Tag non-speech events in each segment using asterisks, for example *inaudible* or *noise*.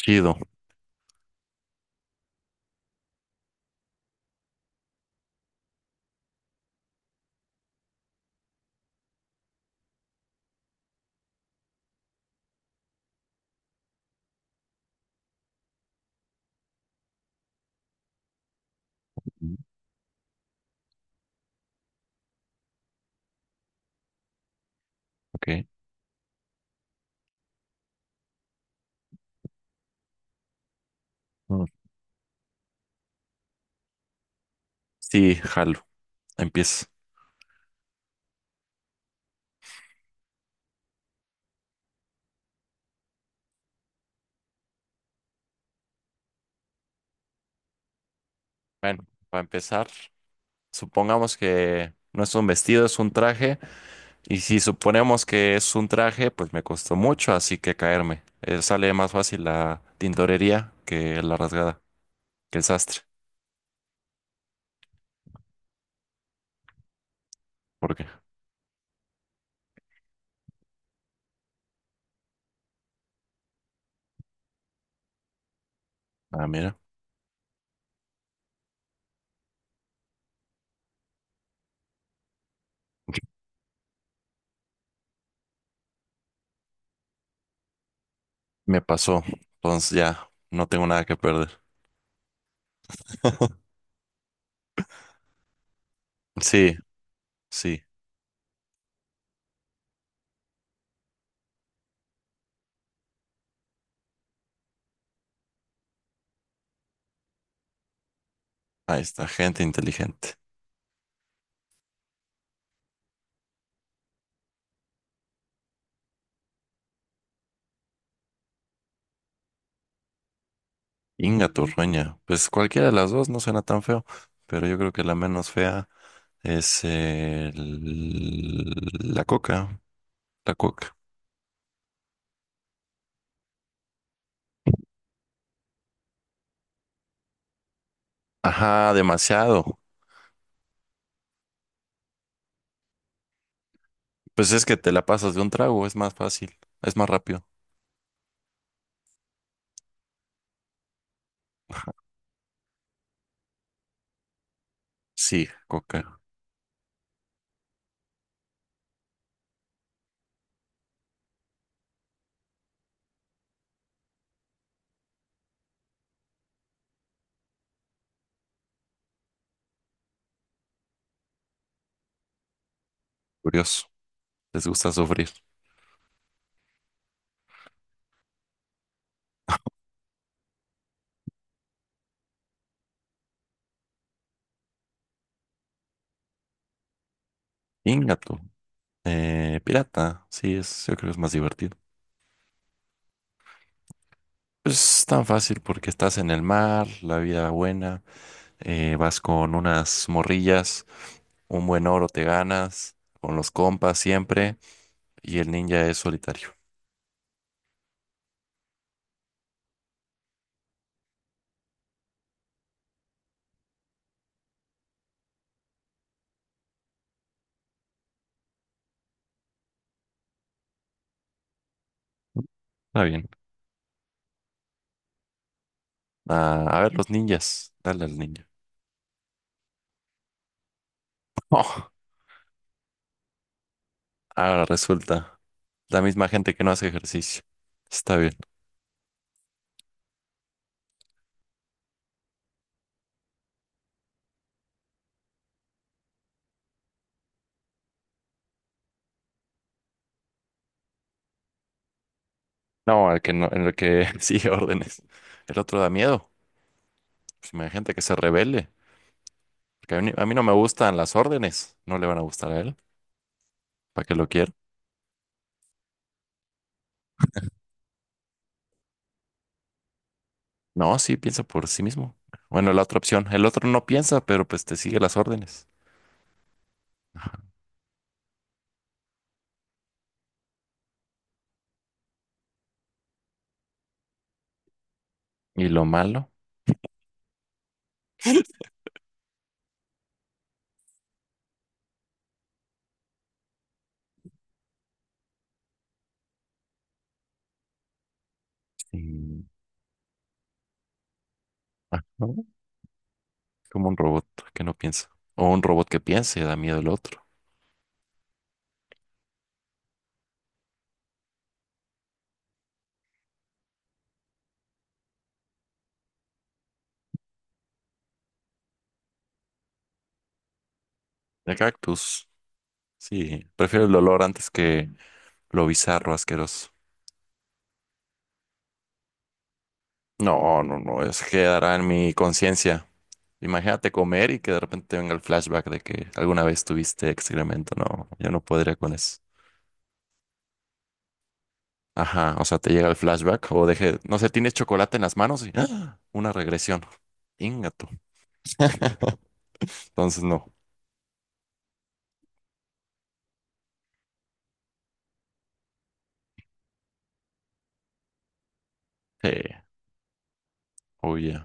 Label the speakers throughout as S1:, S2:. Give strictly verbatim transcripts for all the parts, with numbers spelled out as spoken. S1: Chido. Mm, Ok. Mm. Sí, jalo. Empiezo. Bueno, para empezar, supongamos que no es un vestido, es un traje. Y si suponemos que es un traje, pues me costó mucho, así que caerme. Eh, sale más fácil la tintorería que la rasgada, que el sastre. ¿Por qué? Ah, mira. Me pasó. Entonces ya no tengo nada que perder. *laughs* Sí, sí. Ahí está, gente inteligente. Inga Turrueña. Pues cualquiera de las dos no suena tan feo, pero yo creo que la menos fea es el- la coca. La coca. Ajá, demasiado. Pues es que te la pasas de un trago, es más fácil, es más rápido. Sí, coca. Curioso. Les gusta sufrir. Ingato. Eh, pirata. Sí, es, yo creo que es más divertido. Pues es tan fácil porque estás en el mar, la vida buena, eh, vas con unas morrillas. Un buen oro te ganas, con los compas siempre, y el ninja es solitario. Está bien. Ah, a ver, los ninjas. Dale al ninja. *laughs* Oh, ahora resulta la misma gente que no hace ejercicio. Está bien. No, el que no, el que *laughs* sigue órdenes. El otro da miedo. Pues imagínate que se rebele. Porque a mí, a mí no me gustan las órdenes. No le van a gustar a él. ¿Para qué lo quiero? No, sí, piensa por sí mismo. Bueno, la otra opción. El otro no piensa, pero pues te sigue las órdenes. ¿Y lo malo? *laughs* Sí. Ajá. Como un robot que no piensa. O un robot que piense, da miedo el otro. De cactus. Sí, prefiero el olor antes que lo bizarro, asqueroso. No, no, no, eso quedará en mi conciencia. Imagínate comer y que de repente venga el flashback de que alguna vez tuviste excremento. No, yo no podría con eso. Ajá, o sea, te llega el flashback o deje, no sé, tienes chocolate en las manos y ¡ah! Una regresión. Ingato. *laughs* Entonces, no. Sí, oye.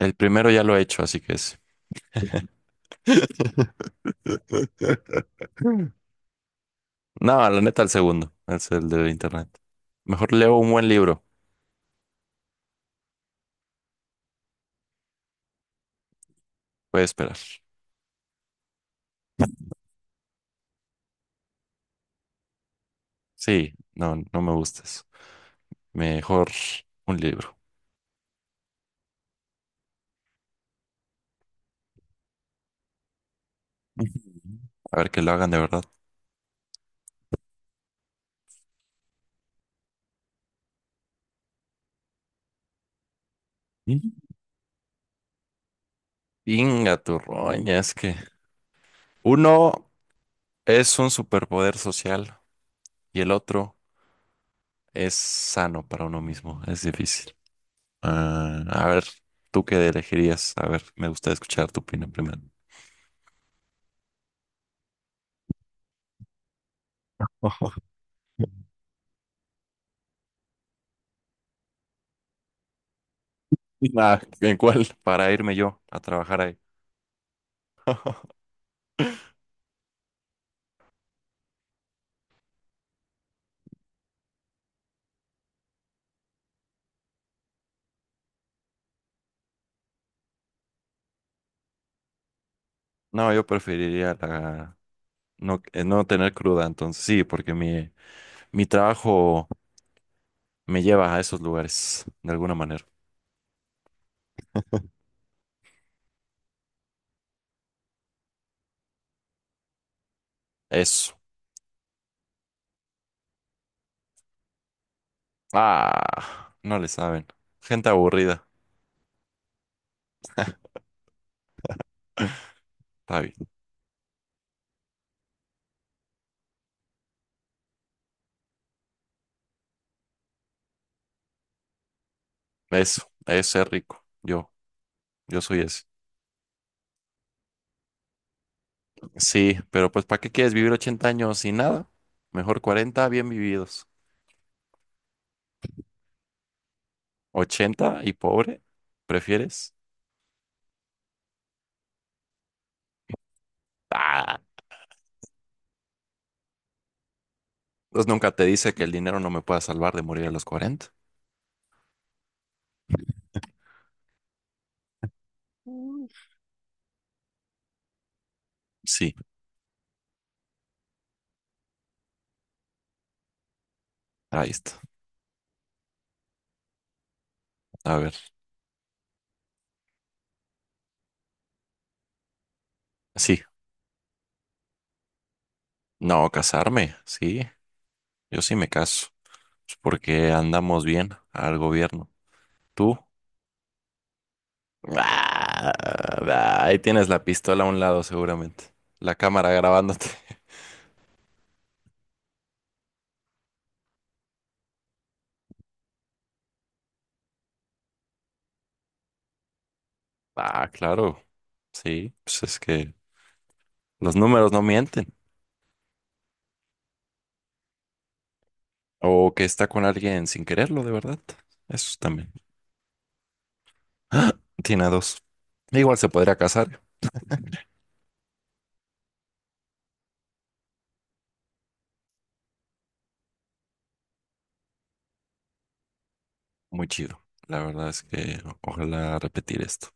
S1: El primero ya lo he hecho, así que es. *laughs* No, la neta, el segundo. Es el de internet. Mejor leo un buen libro. Voy a esperar. Sí, no, no me gustas. Mejor un libro. Ujú. A ver que lo hagan de verdad. Ujú. Inga tu roña, es que uno es un superpoder social y el otro es sano para uno mismo. Es difícil. Ah, a ver, ¿tú qué elegirías? A ver, me gusta escuchar tu opinión primero. *laughs* Ah, ¿en cuál? Para irme yo a trabajar ahí. *laughs* No, yo preferiría la, no, eh, no tener cruda, entonces sí, porque mi, mi trabajo me lleva a esos lugares, de alguna manera. Eso. Ah, no le saben. Gente aburrida. Está bien. Eso, ese es rico. Yo, yo soy ese. Sí, pero pues ¿para qué quieres vivir ochenta años sin nada? Mejor cuarenta bien vividos. Ochenta y pobre, ¿prefieres? Ah, pues nunca te dice que el dinero no me pueda salvar de morir a los cuarenta. Uy. Sí, ahí está. A ver. Sí, no, casarme, sí, yo sí me caso, pues porque andamos bien al gobierno. ¿Tú? Ah, ahí tienes la pistola a un lado seguramente, la cámara grabándote. *laughs* Ah, claro, sí, pues es que los números no mienten. O que está con alguien sin quererlo, de verdad. Eso también. *gasps* Tiene a dos. Igual se podría casar. Muy chido. La verdad es que ojalá repetir esto.